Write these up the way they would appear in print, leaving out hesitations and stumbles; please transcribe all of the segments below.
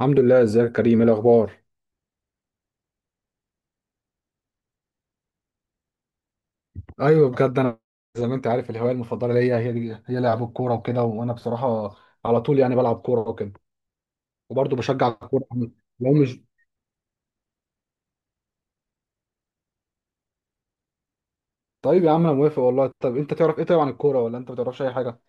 الحمد لله، ازيك يا كريم؟ ايه الاخبار؟ ايوه بجد، انا زي ما انت عارف الهوايه المفضله ليا هي دي، هي لعب الكوره وكده، وانا بصراحه على طول يعني بلعب كوره وكده. وبرضه بشجع الكوره لو مش... طيب يا عم انا موافق والله. طب انت تعرف ايه طيب عن الكوره، ولا انت ما تعرفش اي حاجه؟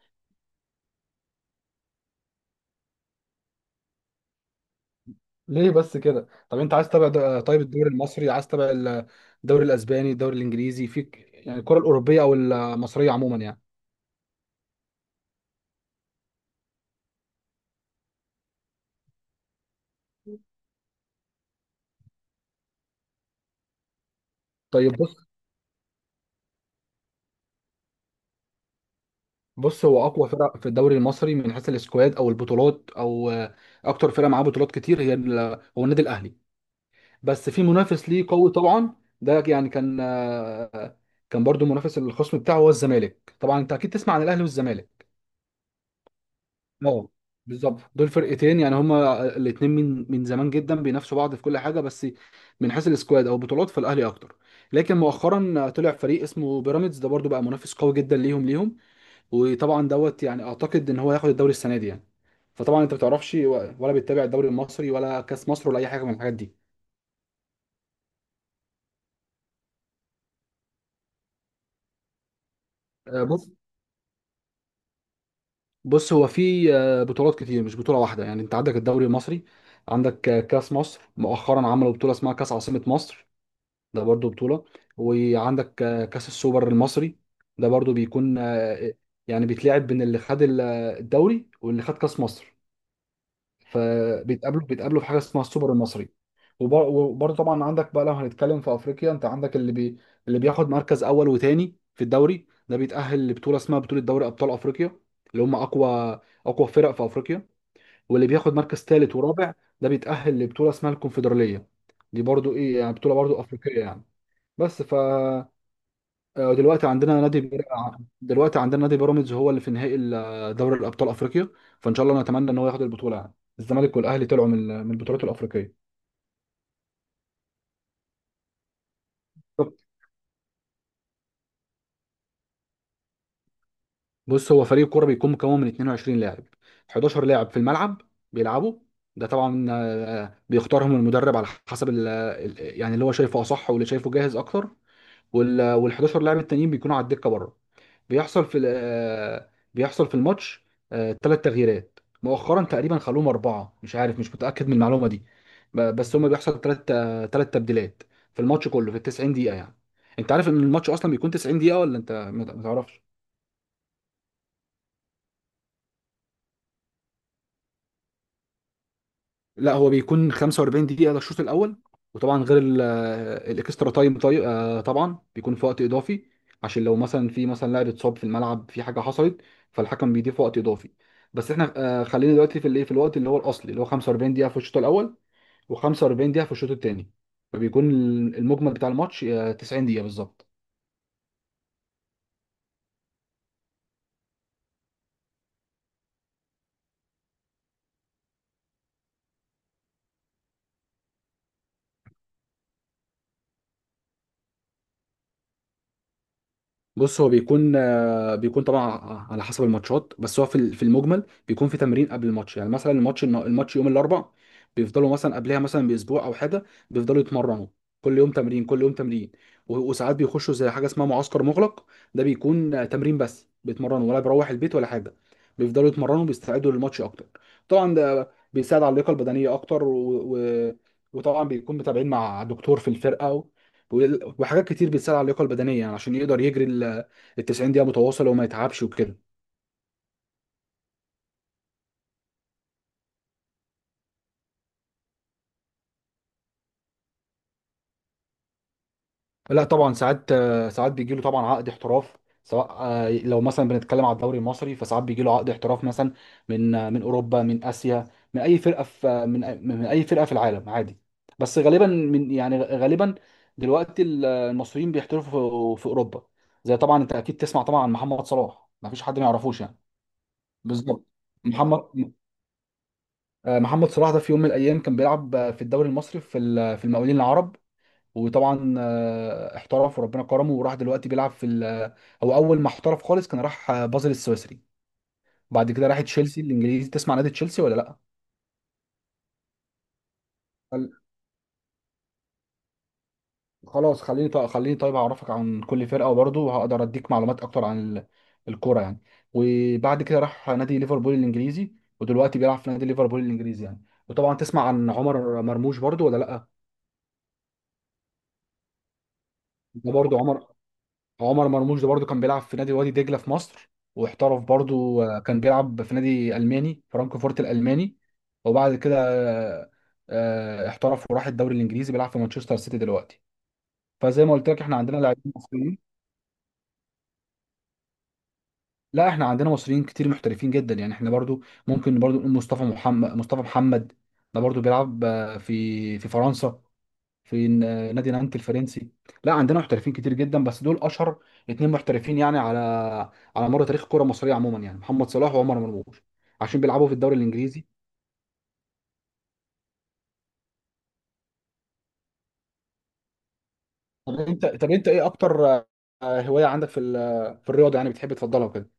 ليه بس كده؟ طب انت عايز تتابع طيب الدوري المصري، عايز تتابع الدوري الاسباني، الدوري الانجليزي؟ فيك يعني الكوره الاوروبيه او المصريه عموما يعني؟ طيب. بص، هو اقوى فرق في الدوري المصري من حيث السكواد او البطولات، او اكتر فرقه معاه بطولات كتير، هي هو النادي الاهلي. بس في منافس ليه قوي طبعا. ده يعني كان كان برضو منافس الخصم بتاعه هو الزمالك. طبعا انت اكيد تسمع عن الاهلي والزمالك. اه بالظبط، دول فرقتين يعني هما الاثنين من زمان جدا بينافسوا بعض في كل حاجه. بس من حيث السكواد او البطولات فالاهلي اكتر. لكن مؤخرا طلع فريق اسمه بيراميدز، ده برضو بقى منافس قوي جدا ليهم وطبعا دوت يعني اعتقد ان هو هياخد الدوري السنه دي يعني. فطبعا انت ما بتعرفش ولا بتتابع الدوري المصري ولا كاس مصر ولا اي حاجه من الحاجات دي؟ بص. هو في بطولات كتير مش بطوله واحده يعني. انت عندك الدوري المصري، عندك كاس مصر، مؤخرا عملوا بطوله اسمها كاس عاصمه مصر، ده برضو بطوله. وعندك كاس السوبر المصري، ده برضو بيكون يعني بيتلعب بين اللي خد الدوري واللي خد كاس مصر، فبيتقابلوا في حاجه اسمها السوبر المصري. وبرضه طبعا عندك بقى لو هنتكلم في افريقيا، انت عندك اللي بياخد مركز اول وتاني في الدوري، ده بيتاهل لبطوله اسمها بطوله دوري ابطال افريقيا، اللي هم اقوى فرق في افريقيا. واللي بياخد مركز ثالث ورابع ده بيتاهل لبطوله اسمها الكونفدراليه، دي برضه ايه يعني بطوله برضه افريقيه يعني. بس ف دلوقتي دلوقتي عندنا نادي بيراميدز هو اللي في نهائي دوري الابطال افريقيا. فان شاء الله نتمنى ان هو ياخد البطوله يعني. الزمالك والاهلي طلعوا من البطولات الافريقيه. طب بص، هو فريق كوره بيكون مكون من 22 لاعب، 11 لاعب في الملعب بيلعبوا. ده طبعا بيختارهم المدرب على حسب يعني اللي هو شايفه اصح واللي شايفه جاهز اكتر. وال 11 لاعب التانيين بيكونوا على الدكه بره. بيحصل في بيحصل في الماتش ثلاث تغييرات، مؤخرا تقريبا خلوهم اربعه، مش عارف مش متاكد من المعلومه دي. بس هما بيحصل ثلاث تبديلات في الماتش كله في ال 90 دقيقه يعني. انت عارف ان الماتش اصلا بيكون 90 دقيقه ولا انت ما تعرفش؟ لا هو بيكون 45 دقيقة للشوط الأول، وطبعا غير الاكسترا تايم طبعا بيكون في وقت إضافي، عشان لو مثلا في مثلا لاعب اتصاب في الملعب، في حاجة حصلت، فالحكم بيضيف وقت إضافي. بس احنا خلينا دلوقتي في الايه، في الوقت اللي هو الأصلي اللي هو 45 دقيقة في الشوط الأول و45 دقيقة في الشوط الثاني، فبيكون المجمل بتاع الماتش 90 دقيقة بالظبط. بص هو بيكون بيكون طبعا على حسب الماتشات. بس هو في في المجمل بيكون في تمرين قبل الماتش. يعني مثلا الماتش يوم الاربع، بيفضلوا مثلا قبلها مثلا باسبوع او حاجه بيفضلوا يتمرنوا، كل يوم تمرين، كل يوم تمرين. وساعات بيخشوا زي حاجه اسمها معسكر مغلق، ده بيكون تمرين بس، بيتمرنوا ولا بيروح البيت ولا حاجه، بيفضلوا يتمرنوا بيستعدوا للماتش اكتر. طبعا ده بيساعد على اللياقه البدنيه اكتر و... وطبعا بيكون متابعين مع دكتور في الفرقه، وحاجات كتير بتساعد على اللياقه البدنيه يعني عشان يقدر يجري ال 90 دقيقه متواصله وما يتعبش وكده. لا طبعا ساعات، بيجي له طبعا عقد احتراف، سواء لو مثلا بنتكلم على الدوري المصري، فساعات بيجي له عقد احتراف مثلا من من اوروبا، من اسيا، من اي فرقه من اي فرقه في العالم عادي. بس غالبا من يعني غالبا دلوقتي المصريين بيحترفوا في اوروبا. زي طبعا انت اكيد تسمع طبعا عن محمد صلاح، ما فيش حد ما يعرفوش يعني. بالظبط. محمد محمد صلاح ده في يوم من الايام كان بيلعب في الدوري المصري في في المقاولين العرب. وطبعا احترف وربنا كرمه وراح دلوقتي بيلعب في او اول ما احترف خالص كان راح بازل السويسري، بعد كده راح تشيلسي الانجليزي. تسمع نادي تشيلسي ولا لا؟ خل- خلاص خليني طيب، خليني طيب اعرفك عن كل فرقه وبرضه وهقدر اديك معلومات اكتر عن الكوره يعني. وبعد كده راح نادي ليفربول الانجليزي، ودلوقتي بيلعب في نادي ليفربول الانجليزي يعني. وطبعا تسمع عن عمر مرموش برضه ولا لا؟ ده برضه عمر مرموش ده برضو كان بيلعب في نادي وادي دجله في مصر، واحترف برضو كان بيلعب في نادي الماني فرانكفورت الالماني. وبعد كده احترف وراح الدوري الانجليزي، بيلعب في مانشستر سيتي دلوقتي. فزي ما قلت لك احنا عندنا لاعبين مصريين. لا احنا عندنا مصريين كتير محترفين جدا يعني، احنا برضو ممكن برضو نقول مصطفى محمد. ده برضو بيلعب في فرنسا، في نادي نانت الفرنسي. لا عندنا محترفين كتير جدا، بس دول اشهر اتنين محترفين يعني على مر تاريخ الكره المصريه عموما يعني، محمد صلاح وعمر مرموش، عشان بيلعبوا في الدوري الانجليزي. طب انت ايه اكتر هوايه عندك في في الرياضه يعني بتحب تفضلها وكده؟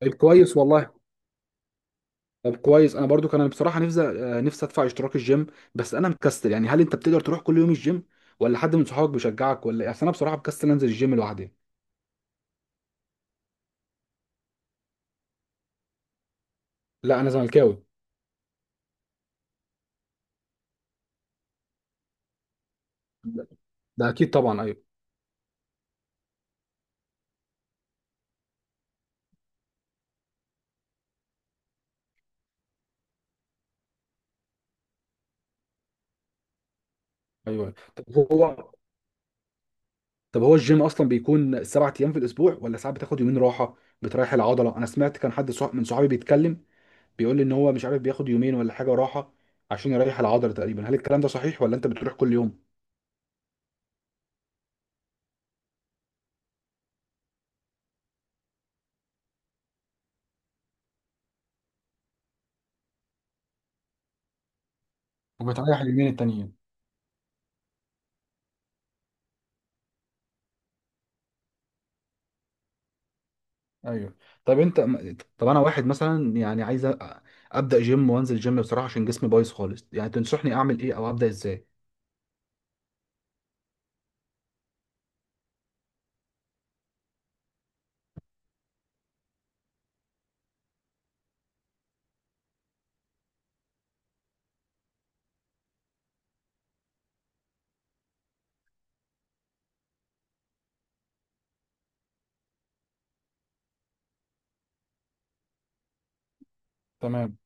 طيب كويس والله. طب كويس، انا برضو كان بصراحه نفسي نفسي ادفع اشتراك الجيم، بس انا مكسل. يعني هل انت بتقدر تروح كل يوم الجيم، ولا حد من صحابك بيشجعك ولا ايه؟ اصل انا بصراحه مكسل انزل الجيم لوحدي. لا انا زملكاوي. ده اكيد طبعا، ايوه، ايوه. هو طب هو الجيم اصلا بيكون 7 ايام في الاسبوع، ولا ساعات بتاخد يومين راحه بتريح العضله؟ انا سمعت كان حد من صحابي بيتكلم، بيقول لي ان هو مش عارف بياخد يومين ولا حاجه راحه عشان يريح العضله تقريبا. هل الكلام ده صحيح، ولا انت بتروح كل يوم وبتريح اليومين التانيين؟ ايوه. طب انت طب انا واحد مثلا يعني عايز ابدا جيم وانزل جيم بصراحه عشان جسمي بايظ خالص يعني، تنصحني اعمل ايه او ابدا ازاي؟ تمام.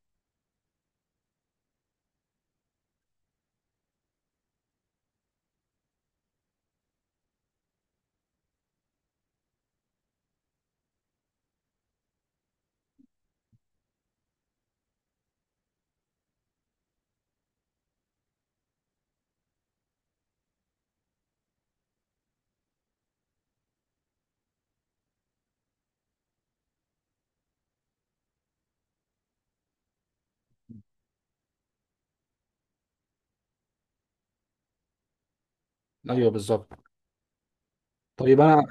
ايوه بالظبط. طيب انا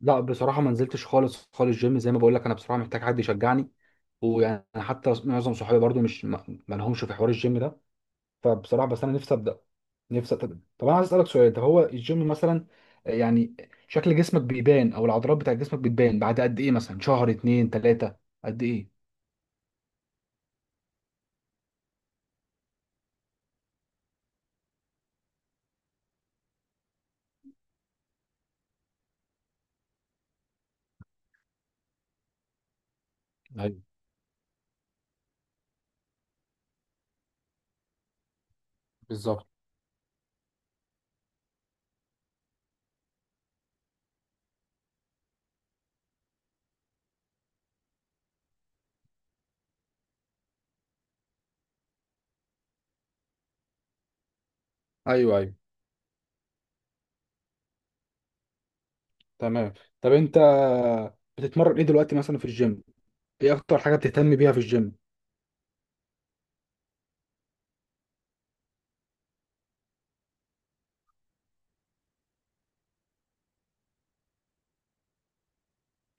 لا بصراحة ما نزلتش خالص خالص جيم زي ما بقول لك انا بصراحة محتاج حد يشجعني ويعني حتى معظم صحابي برضو مش ما ما لهمش في حوار الجيم ده فبصراحة بس انا نفسي ابدأ نفسي أبدأ. طب انا عايز اسألك سؤال طب هو الجيم مثلا يعني شكل جسمك بيبان او العضلات بتاع جسمك بتبان بعد قد ايه مثلا شهر اتنين تلاتة قد ايه ايوه بالظبط ايوه، ايوه. تمام. طب انت بتتمرن ايه دلوقتي مثلا في الجيم؟ ايه اكتر حاجة بتهتم بيها في الجيم؟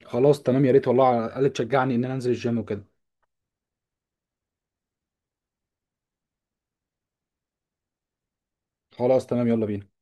خلاص تمام يا ريت والله، على الاقل تشجعني ان انا انزل الجيم وكده. خلاص تمام يلا بينا.